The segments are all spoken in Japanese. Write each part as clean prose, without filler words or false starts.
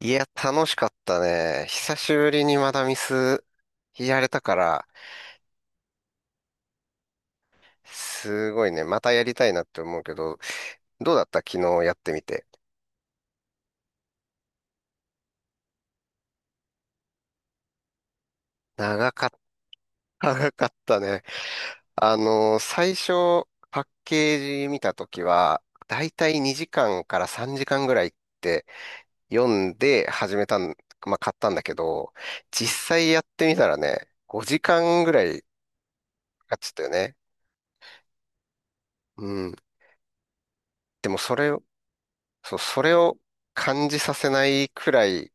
いや、楽しかったね。久しぶりにまだミスやれたから、すごいね。またやりたいなって思うけど、どうだった昨日やってみて。長かった、長かったね。最初、パッケージ見たときは、だいたい2時間から3時間ぐらいって読んで始めたん、まあ、買ったんだけど、実際やってみたらね、5時間ぐらいかかっちゃったよね。うん。でもそれを感じさせないくらい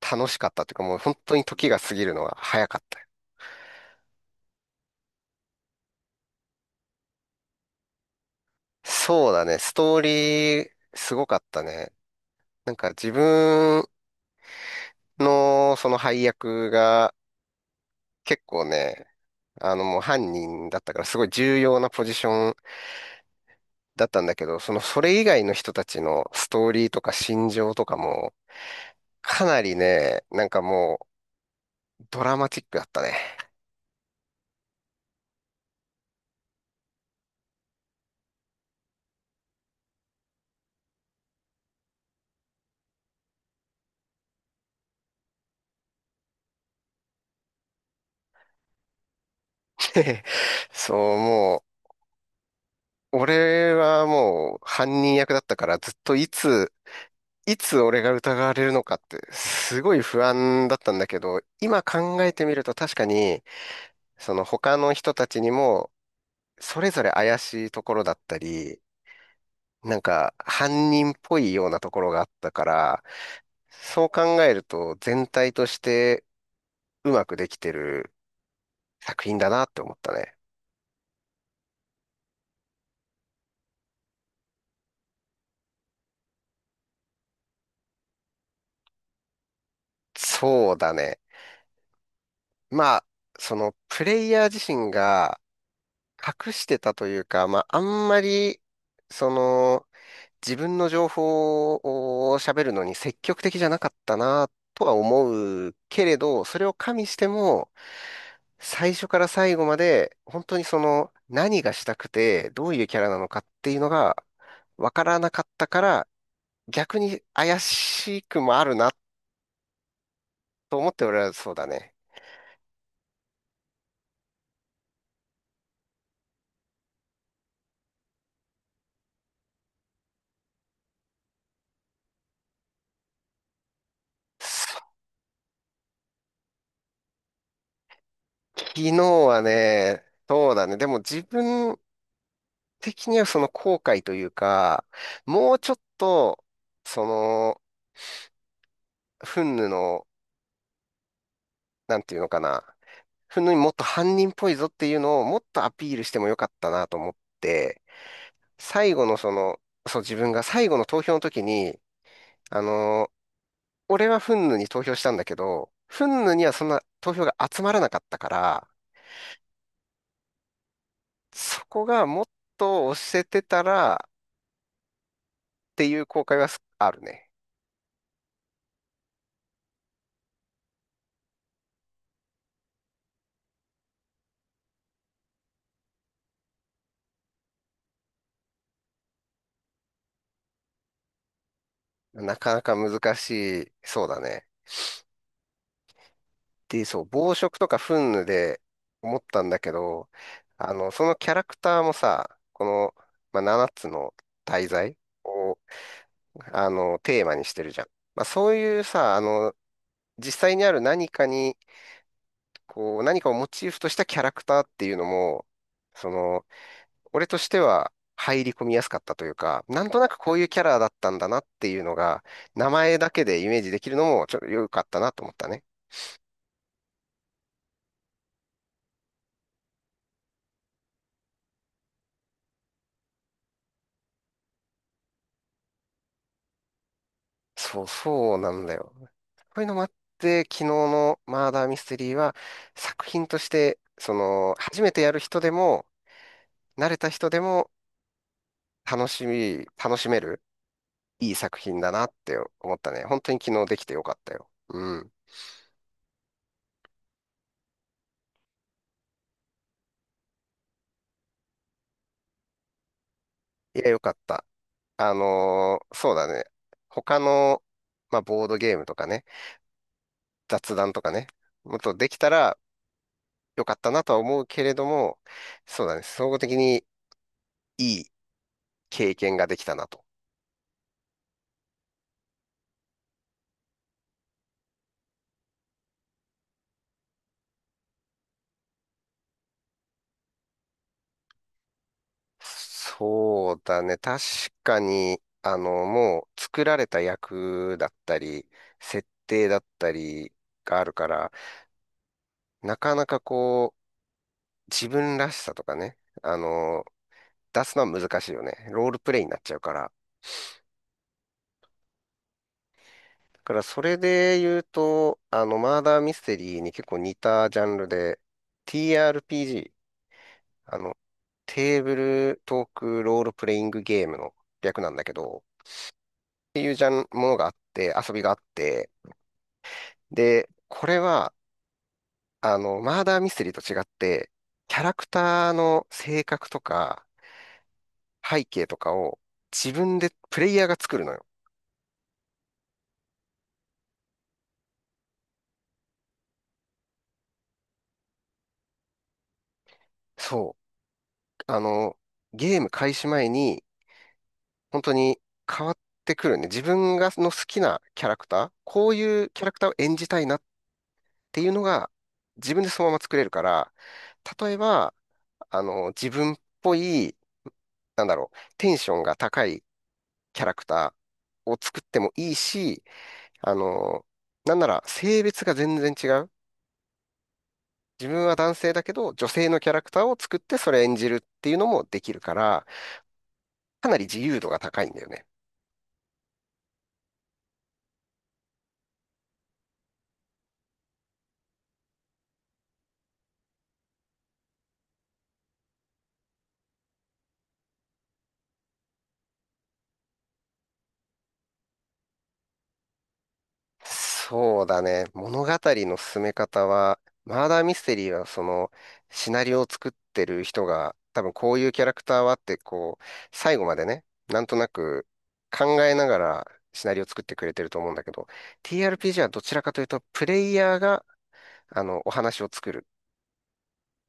楽しかったというか、もう本当に時が過ぎるのが早かったよ。そうだね、ストーリーすごかったね。なんか自分のその配役が結構ね、もう犯人だったからすごい重要なポジションだったんだけど、それ以外の人たちのストーリーとか心情とかもかなりね、なんかもうドラマチックだったね。そう、俺はもう犯人役だったからずっといつ、いつ俺が疑われるのかってすごい不安だったんだけど、今考えてみると確かに、その他の人たちにもそれぞれ怪しいところだったり、なんか犯人っぽいようなところがあったから、そう考えると全体としてうまくできてる作品だなって思ったね。そうだね。まあ、そのプレイヤー自身が隠してたというか、まあ、あんまり、その、自分の情報を喋るのに積極的じゃなかったなとは思うけれど、それを加味しても、最初から最後まで、本当に、何がしたくて、どういうキャラなのかっていうのが、わからなかったから、逆に怪しくもあるなと思って俺はそうだね。昨日はね、そうだね。でも自分、的にはその後悔というか、もうちょっと、その、フンヌの、なんていうのかな、フンヌにもっと犯人っぽいぞっていうのをもっとアピールしてもよかったなと思って、最後のその、そう自分が最後の投票の時に、あの、俺はフンヌに投票したんだけど、フンヌにはそんな投票が集まらなかったから、そこがもっと押せてたらっていう後悔はすあるね。なかなか難しい、そうだね。で、そう、暴食とか憤怒で思ったんだけど、そのキャラクターもさ、まあ、7つの大罪を、テーマにしてるじゃん。まあ、そういうさ、あの、実際にある何かに、こう、何かをモチーフとしたキャラクターっていうのも、その、俺としては入り込みやすかったというか、なんとなくこういうキャラだったんだなっていうのが、名前だけでイメージできるのも、ちょっと良かったなと思ったね。そう、そうなんだよ。こういうのもあって、昨日のマーダーミステリーは作品として、初めてやる人でも、慣れた人でも楽しめる、いい作品だなって思ったね。本当に昨日できてよかったよ。うん。いや、よかった。そうだね。他の、まあ、ボードゲームとかね、雑談とかね、もっとできたらよかったなとは思うけれども、そうだね。総合的にいい経験ができたなと。そうだね。確かに、もう作られた役だったり、設定だったりがあるから、なかなかこう、自分らしさとかね、あの、出すのは難しいよね。ロールプレイになっちゃうから。だからそれで言うと、マーダーミステリーに結構似たジャンルで、TRPG、あの、テーブルトークロールプレイングゲームの略なんだけど、っていうジャン、ものがあって、遊びがあって、で、これは、マーダーミステリーと違って、キャラクターの性格とか背景とかを自分でプレイヤーが作るのよ。そう。ゲーム開始前に本当に変わってくるね。自分の好きなキャラクター、こういうキャラクターを演じたいなっていうのが自分でそのまま作れるから、例えば、自分っぽい、なんだろう、テンションが高いキャラクターを作ってもいいし、あの、なんなら性別が全然違う。自分は男性だけど、女性のキャラクターを作ってそれ演じるっていうのもできるから、かなり自由度が高いんだよね。そうだね。物語の進め方は、マーダーミステリーはその、シナリオを作ってる人が、多分こういうキャラクターはって、こう、最後までね、なんとなく考えながらシナリオを作ってくれてると思うんだけど、TRPG はどちらかというと、プレイヤーが、お話を作る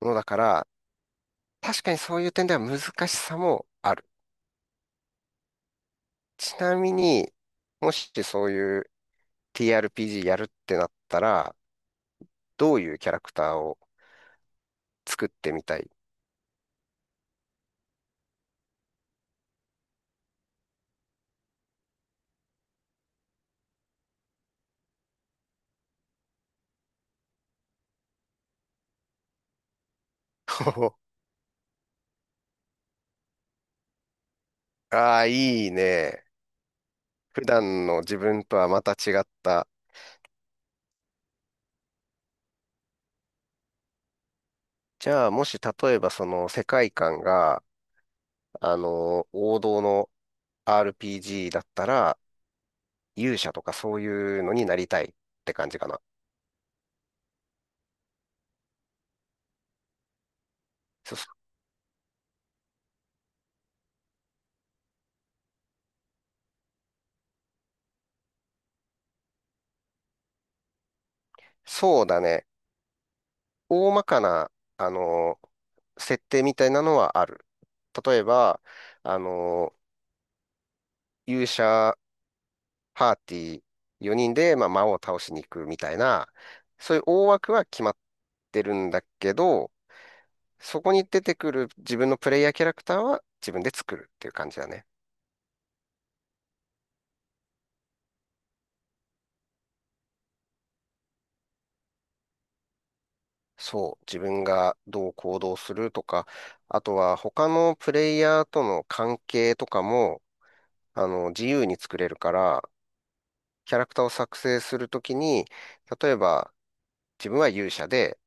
ものだから、確かにそういう点では難しさもある。ちなみに、もしそういう TRPG やるってなったら、どういうキャラクターを作ってみたい？ ああ、いいね。普段の自分とはまた違った。じゃあ、もし例えばその世界観が、王道の RPG だったら、勇者とかそういうのになりたいって感じかな。そ、そうだね。大まかな、あの、設定みたいなのはある。例えば、あの、勇者パーティー4人で、まあ、魔王を倒しに行くみたいな、そういう大枠は決まってるんだけど、そこに出てくる自分のプレイヤーキャラクターは自分で作るっていう感じだね。そう、自分がどう行動するとか、あとは他のプレイヤーとの関係とかも、自由に作れるから、キャラクターを作成するときに、例えば自分は勇者で、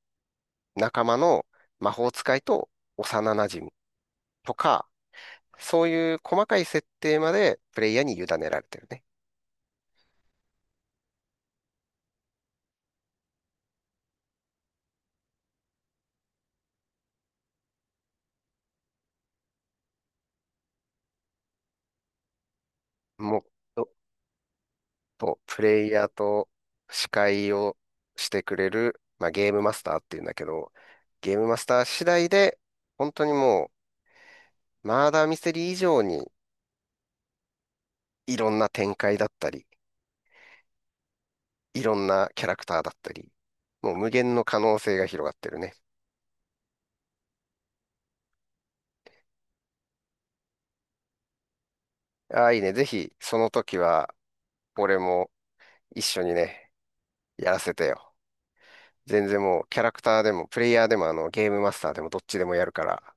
仲間の魔法使いと幼馴染とか、そういう細かい設定までプレイヤーに委ねられてるね。もっと、プレイヤーと司会をしてくれる、まあ、ゲームマスターっていうんだけど、ゲームマスター次第で、本当にもう、マーダーミステリー以上に、いろんな展開だったり、いろんなキャラクターだったり、もう無限の可能性が広がってるね。ああ、いいね。ぜひ、その時は、俺も一緒にね、やらせてよ。全然もう、キャラクターでも、プレイヤーでも、ゲームマスターでも、どっちでもやるから。